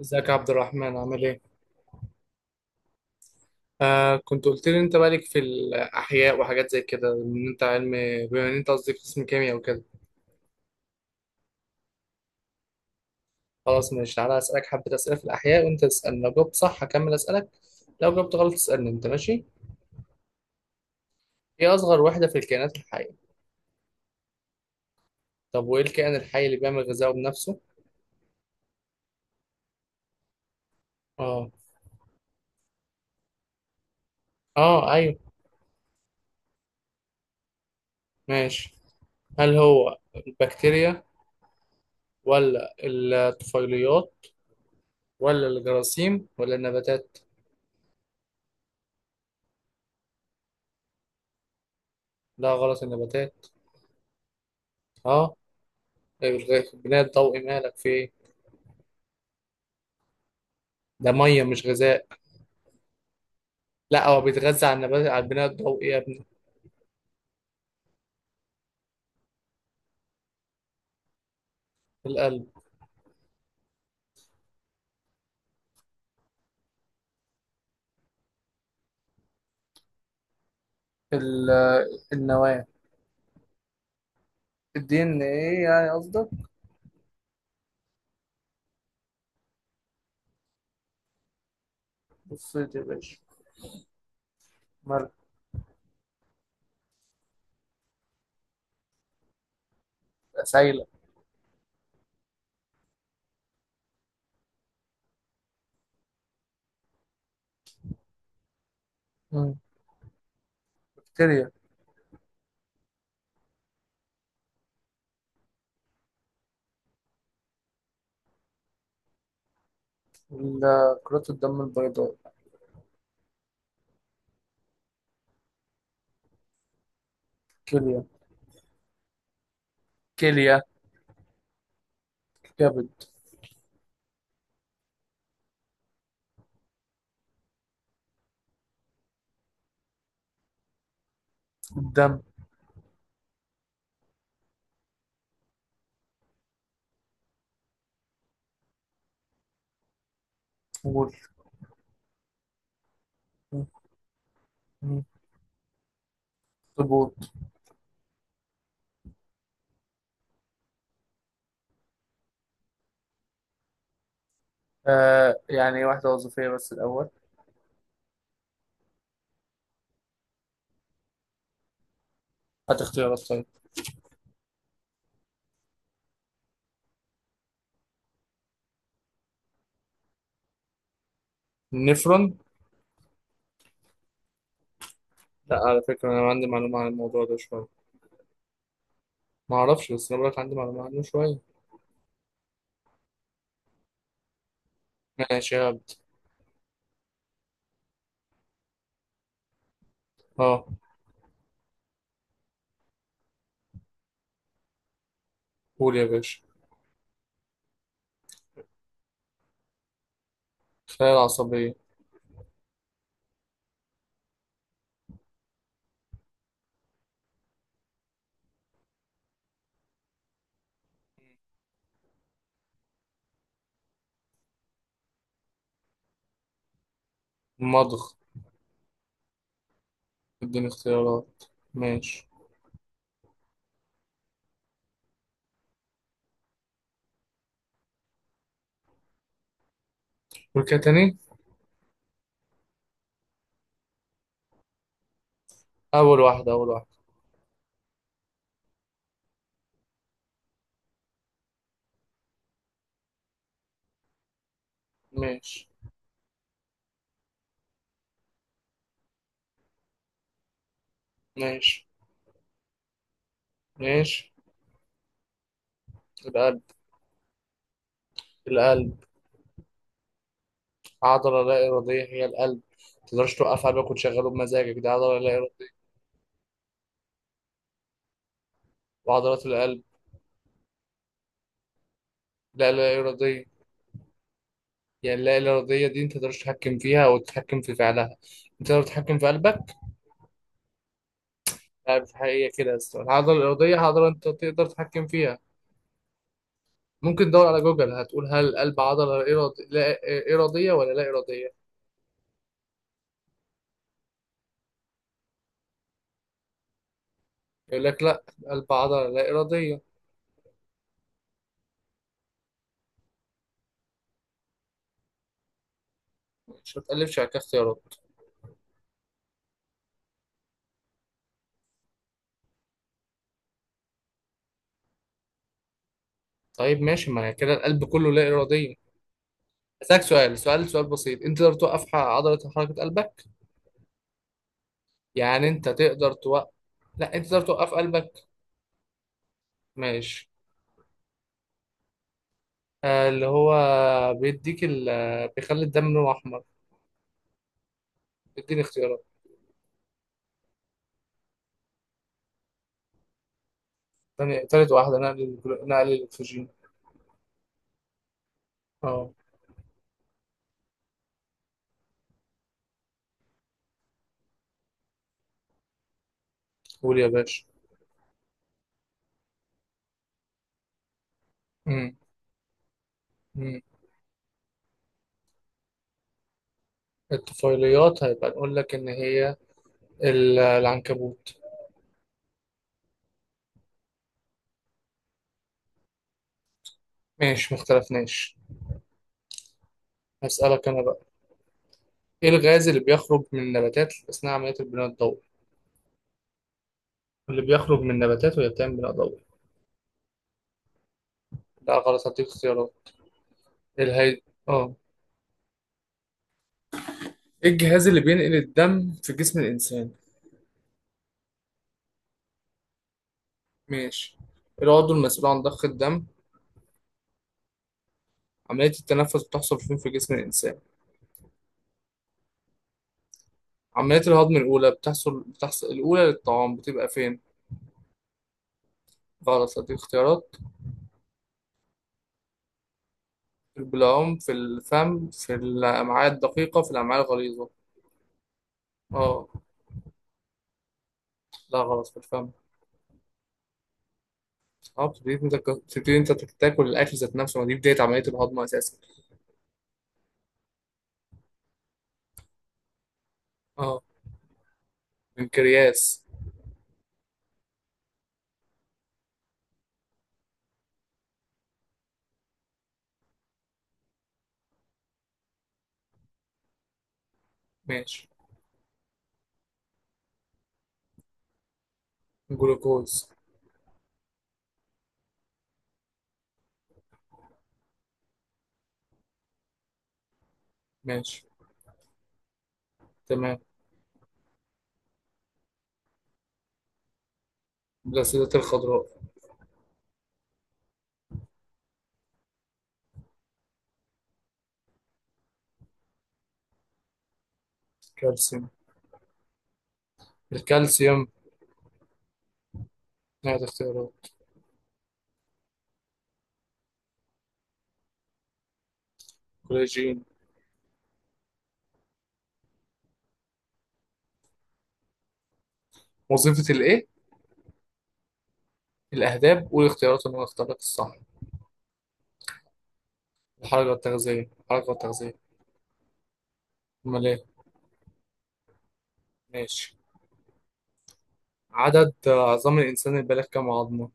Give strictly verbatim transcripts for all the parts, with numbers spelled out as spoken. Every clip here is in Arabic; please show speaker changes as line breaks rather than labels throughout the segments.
ازيك يا عبد الرحمن؟ عامل ايه؟ آه، كنت قلت لي انت بالك في الاحياء وحاجات زي كده، ان انت علم، بما ان انت قصدي قسم كيمياء وكده. خلاص ماشي، تعالى اسالك حبه اسئله في الاحياء، وانت تسالني. لو جاوبت صح هكمل اسالك، لو جاوبت غلط تسالني انت. ماشي؟ ايه اصغر وحده في الكائنات الحيه؟ طب وايه الكائن الحي اللي بيعمل غذائه بنفسه؟ اه. اه ايوه. ماشي. هل هو البكتيريا، ولا الطفيليات، ولا الجراثيم، ولا النباتات؟ لا غلط، النباتات. اه. لا مش غاز البناء الضوئي، مالك في ايه؟ ده ميه مش غذاء. لا هو بيتغذى على النبات، على البناء الضوئي يا ابني. القلب. ال- النواه. الدي ان ايه يعني قصدك. بصيت يا باشا. مالك. سايله. مم. بكتيريا. ال- كرات الدم البيضاء. كليه. كليه. كبد. الدم. قول. مم. مم. طبول. آه يعني واحده وظيفيه بس الاول. هات اختيارات طيب. النفرون. لا على فكره انا عندي معلومه عن الموضوع ده شويه. ما اعرفش، بس انا بقولك عندي معلومه عنه شويه. ماشي. اه. قول يا باشا. خلايا عصبية. مضغ. اديني اختيارات. ماشي. قول كده تاني. أول واحدة، أول واحدة. ماشي. ماشي، ماشي. القلب. القلب. عضلة لا إرادية هي القلب. متقدرش توقف قلبك وتشغله بمزاجك، دي عضلة لا إرادية. وعضلات القلب. لا، لا إرادية. يعني اللا إرادية دي أنت متقدرش تتحكم فيها أو تتحكم في فعلها. أنت تقدر تتحكم في قلبك؟ لا، في الحقيقة كده يا أسطى. العضلة الإرادية عضلة أنت تقدر تتحكم فيها. ممكن تدور على جوجل، هتقول هل القلب عضلة إرادي... لا. إرادية ولا لا إرادية. يقول لك لا. قلب عضلة لا إرادية. مش هتقلبش على كده اختيارات؟ طيب ماشي، ما هي كده القلب كله لا إرادية. أسألك سؤال، سؤال، سؤال بسيط، أنت تقدر توقف ح- عضلة حركة قلبك؟ يعني أنت تقدر توقف. لا أنت تقدر توقف قلبك. ماشي. آه اللي هو بيديك ال... بيخلي الدم لونه أحمر. اديني اختيارات. تاني، تالت واحدة، نقل ال- نقل الأكسجين. اه. قول يا باشا. مم. مم. الطفيليات هيبقى نقول لك إن هي ال- العنكبوت. ماشي مختلفناش. هسألك أنا بقى. إيه الغاز اللي بيخرج من النباتات أثناء عملية البناء الضوئي؟ اللي بيخرج من النباتات وهي بتعمل بناء ضوئي. لا غلط، هديك اختيارات. الهي. آه. إيه الجهاز اللي بينقل الدم في جسم الإنسان؟ ماشي. العضو المسؤول عن ضخ الدم. عملية التنفس بتحصل فين في جسم الإنسان؟ عملية الهضم الأولى بتحصل بتحصل الأولى للطعام بتبقى فين؟ غلط، هديك اختيارات. في البلعوم، في الفم، في الأمعاء الدقيقة، في الأمعاء الغليظة. اه. لا غلط، في الفم. اه. بتبتدي انت بتبتدي انت تاكل الأكل ذات نفسه، ما دي بداية عملية الهضم أساسا. اه بنكرياس. ماشي. جلوكوز. ماشي. تمام. الأسيدة الخضراء. كالسيوم. الكالسيوم. نهاية اختيارات. كولاجين. وظيفة الإيه؟ الأهداب، والاختيارات اللي أنا اخترت الصح. الحركة التغذية، الحركة التغذية. أمال إيه؟ ماشي. عدد عظام الإنسان البالغ كم عظمة؟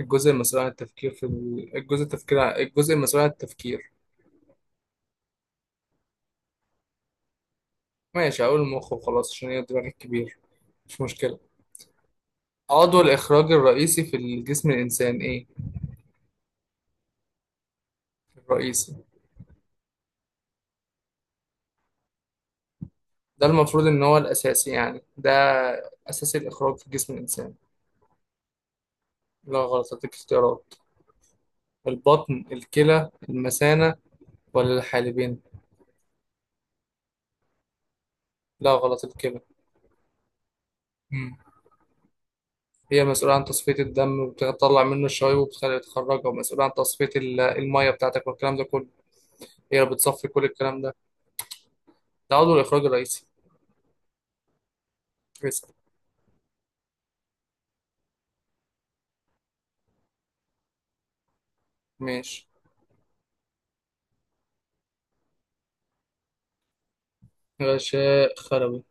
الجزء المسؤول عن التفكير في ال- الجزء التفكير ع- الجزء المسؤول عن التفكير. ماشي هقول المخ وخلاص، عشان هي دماغك كبير. مش مشكلة. عضو الإخراج الرئيسي في الجسم الإنسان إيه؟ الرئيسي. ده المفروض إن هو الأساسي يعني، ده أساسي الإخراج في جسم الإنسان. لا غلط، هديك اختيارات. البطن، الكلى، المثانة، ولا الحالبين. لا غلط، الكلى. مم. هي مسؤولة عن تصفية الدم، وبتطلع منه الشوائب، وبتخليه يتخرجها، ومسؤولة عن تصفية ال- المية بتاعتك والكلام ده كله. هي بتصفي كل الكلام ده. ده عضو الإخراج الرئيسي. اسأل. ماشي. غشاء خلوي.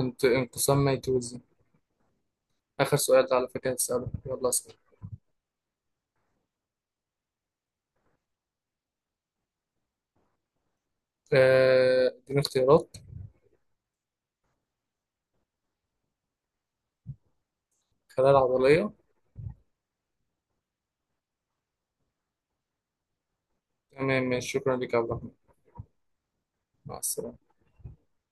انت انقسام ميتوزي. آخر سؤال ده على فكرة هتسأله، يلا اسأل. آه، اديني اختيارات. خلايا عضلية. تمام ماشي، شكرا لك يا عبد الرحمن. مع السلامة.